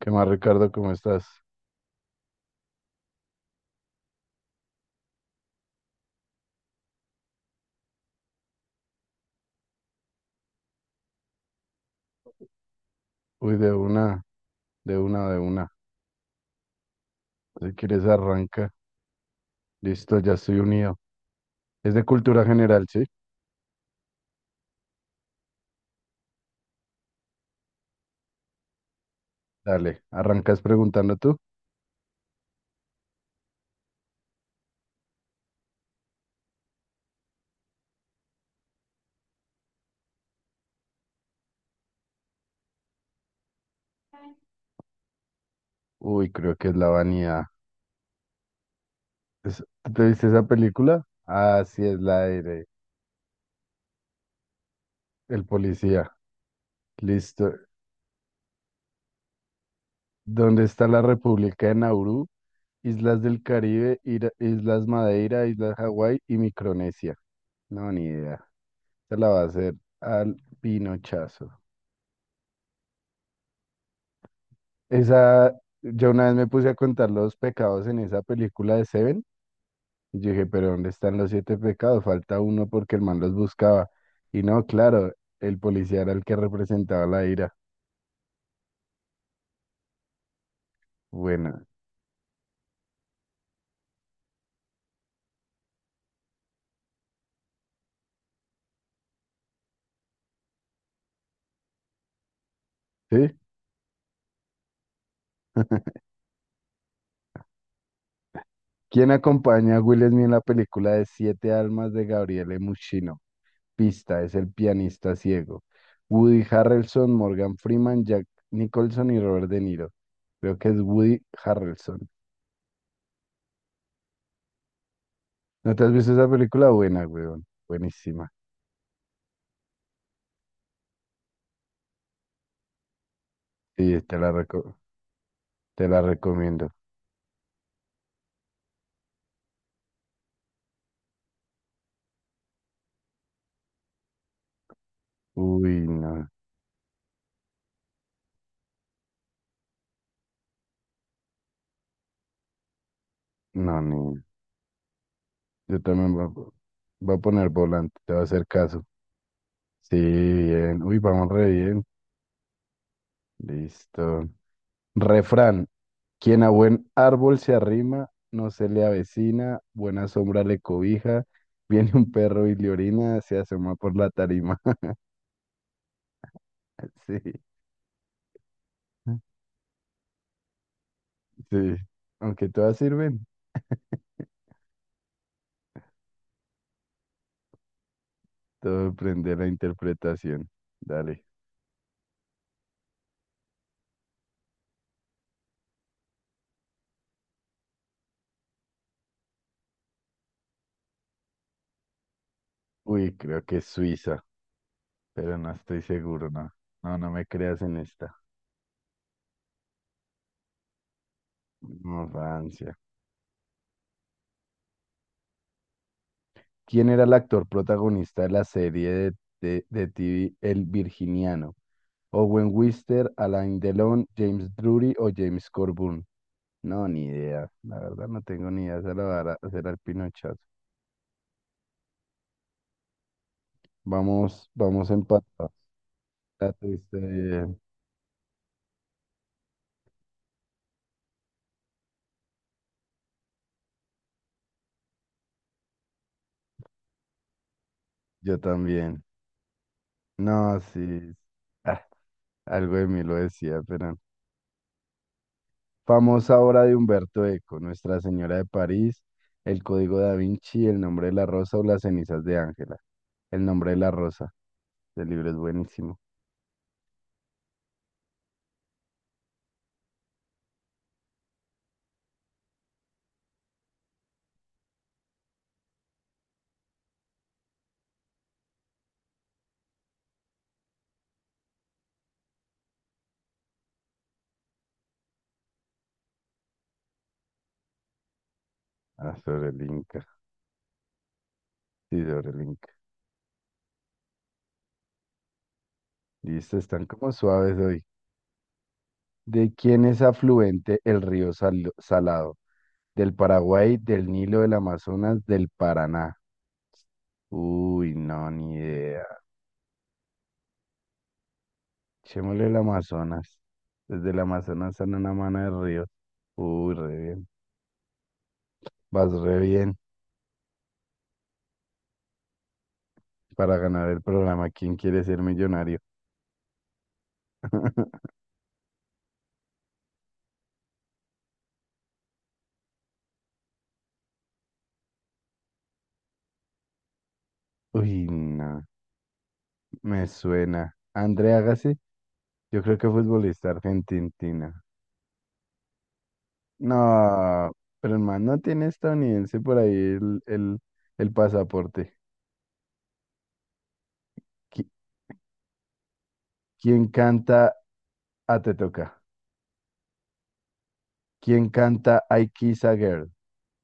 ¿Qué más, Ricardo? ¿Cómo estás? Uy, de una, de una, de una. Si quieres, arranca. Listo, ya estoy unido. Es de cultura general, ¿sí? Dale, arrancas preguntando tú. Uy, creo que es la vanidad. Es- ¿Tú ¿Te viste esa película? Ah, sí, es la de el policía. Listo. ¿Dónde está la República de Nauru? Islas del Caribe, Islas Madeira, Islas Hawái y Micronesia. No, ni idea. Se la va a hacer al pinochazo. Esa, yo una vez me puse a contar los pecados en esa película de Seven. Y yo dije, pero ¿dónde están los siete pecados? Falta uno porque el man los buscaba. Y no, claro, el policía era el que representaba la ira. Bueno, ¿sí? ¿Quién acompaña a Will Smith en la película de Siete Almas de Gabriele Muchino? Pista, es el pianista ciego. Woody Harrelson, Morgan Freeman, Jack Nicholson y Robert De Niro. Creo que es Woody Harrelson. ¿No te has visto esa película? Buena, weón. Buenísima. Sí, te la, reco- Te la recomiendo. Uy, no, no, ni. Yo también voy a, po- Voy a poner volante, te va a hacer caso. Sí, bien. Uy, vamos re bien. Listo. Refrán. Quien a buen árbol se arrima, no se le avecina, buena sombra le cobija, viene un perro y le orina, se asoma por la tarima. Sí, sí. Aunque todas sirven, todo depende de la interpretación. Dale. Uy, creo que es Suiza, pero no estoy seguro, no. No, no me creas en esta. No, Francia. ¿Quién era el actor protagonista de la serie de TV El Virginiano? ¿Owen Wister, Alain Delon, James Drury o James Corbun? No, ni idea. La verdad no tengo ni idea. Se la va a dar- Hacer al Pinochet. Vamos, vamos empatados. La tuviste bien. Yo también. No, sí. Ah, algo de mí lo decía, pero famosa obra de Humberto Eco, ¿Nuestra Señora de París, El Código da Vinci, El nombre de la rosa o Las cenizas de Ángela? El nombre de la rosa. El libro es buenísimo. Ah, sobre el Inca. Sí, sobre el Inca. Listo, están como suaves hoy. ¿De quién es afluente el río Salado? ¿Del Paraguay, del Nilo, del Amazonas, del Paraná? Uy, no, ni idea. Echémosle el Amazonas. Desde el Amazonas sale una mano de río. Uy, re bien. Vas re bien. Para ganar el programa ¿Quién quiere ser millonario? Uy, no, me suena. André Agassi, yo creo que futbolista argentina. No, pero el man no tiene estadounidense por ahí el pasaporte. Qui- ¿Quién canta A Te Toca? ¿Quién canta I Kiss a Girl?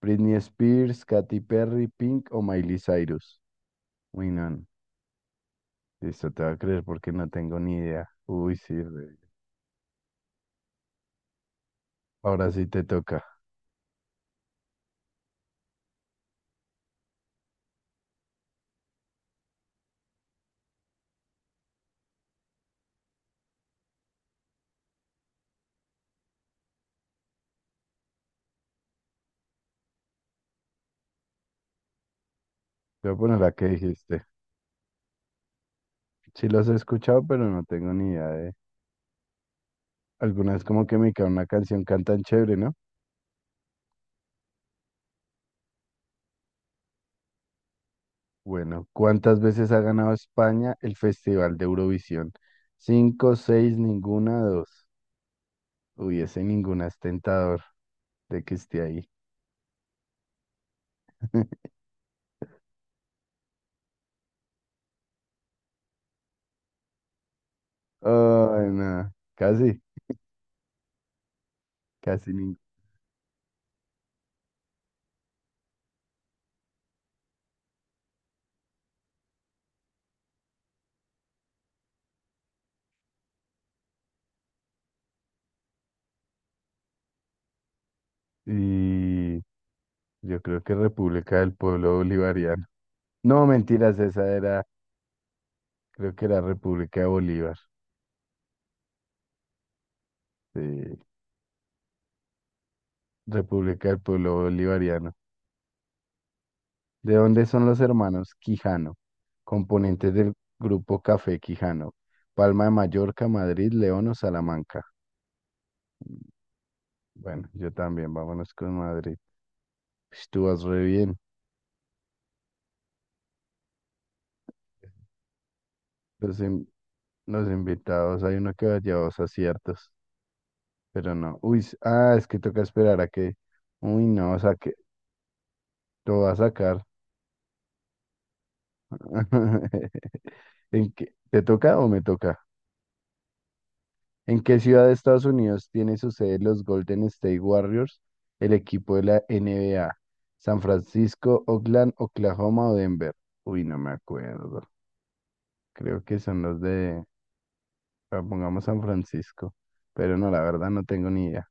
¿Britney Spears, Katy Perry, Pink o Miley Cyrus? Uy, no, no. Listo, te va a creer porque no tengo ni idea. Uy, sí, re. Ahora sí te toca. Te voy a poner la que dijiste. Sí los he escuchado, pero no tengo ni idea de... Algunas como que me cae una canción, cantan chévere, ¿no? Bueno, ¿cuántas veces ha ganado España el Festival de Eurovisión? Cinco, seis, ninguna, dos. Uy, ese ninguna es tentador de que esté ahí. Ay, no, casi, casi ninguna. Y yo creo que República del Pueblo Bolivariano. No, mentiras, esa era, creo que era República de Bolívar. Sí, República del Pueblo Bolivariano. ¿De dónde son los hermanos Quijano, componentes del grupo Café Quijano? Palma de Mallorca, Madrid, León o Salamanca. Bueno, yo también, vámonos con Madrid. Pues tú vas re bien. Los, in- los invitados, hay uno que lleva dos aciertos, pero no. Uy, ah, es que toca esperar a que. Uy, no, o sea que lo va a sacar. ¿En qué? ¿Te toca o me toca? ¿En qué ciudad de Estados Unidos tiene su sede los Golden State Warriors, el equipo de la NBA? ¿San Francisco, Oakland, Oklahoma o Denver? Uy, no me acuerdo. Creo que son los de, ah, pongamos San Francisco, pero no, la verdad no tengo ni idea.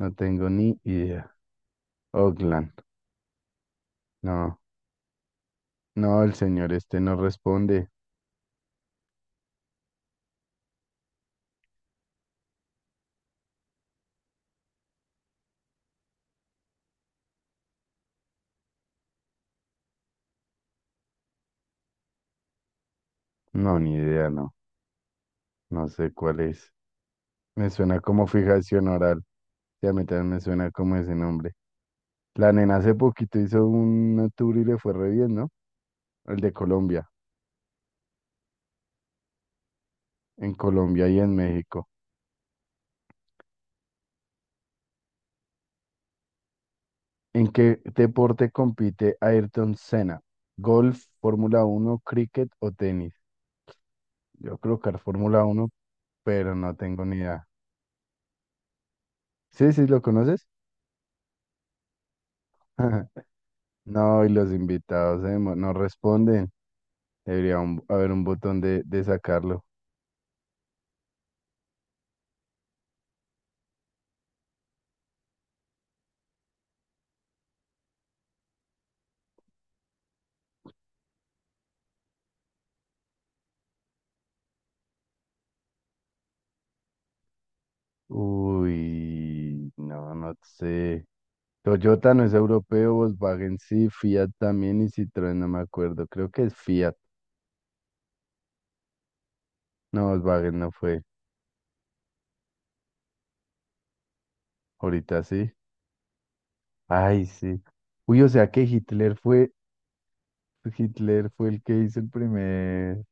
No tengo ni idea. Oakland. No, no, el señor este no responde. No, ni idea, no. No sé cuál es. Me suena como fijación oral. Ya a mí también me suena como ese nombre. La nena hace poquito hizo un tour y le fue re bien, ¿no? El de Colombia, en Colombia y en México. ¿En qué deporte compite Ayrton Senna? ¿Golf, Fórmula uno, cricket o tenis? Yo creo que era Fórmula uno, pero no tengo ni idea. Sí, sí, ¿lo conoces? No, y los invitados no responden. Haber un botón de sacarlo. Uy, no, no sé. Toyota no es europeo, Volkswagen sí, Fiat también y Citroën, no me acuerdo. Creo que es Fiat. No, Volkswagen no fue. Ahorita sí. Ay, sí. Uy, o sea que Hitler fue el que hizo el primer,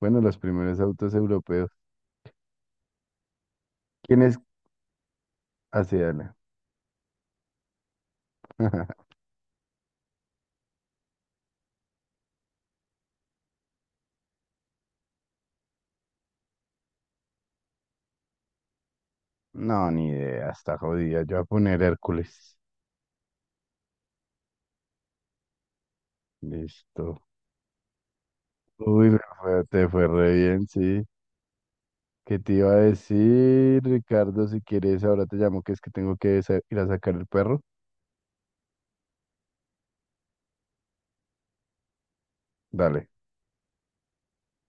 bueno, los primeros autos europeos. ¿Quién es? Así, dale. No, ni idea, está jodida. Yo voy a poner Hércules. Listo. Uy, te fue re bien, sí. ¿Qué te iba a decir, Ricardo? Si quieres, ahora te llamo, que es que tengo que ir a sacar el perro. Dale.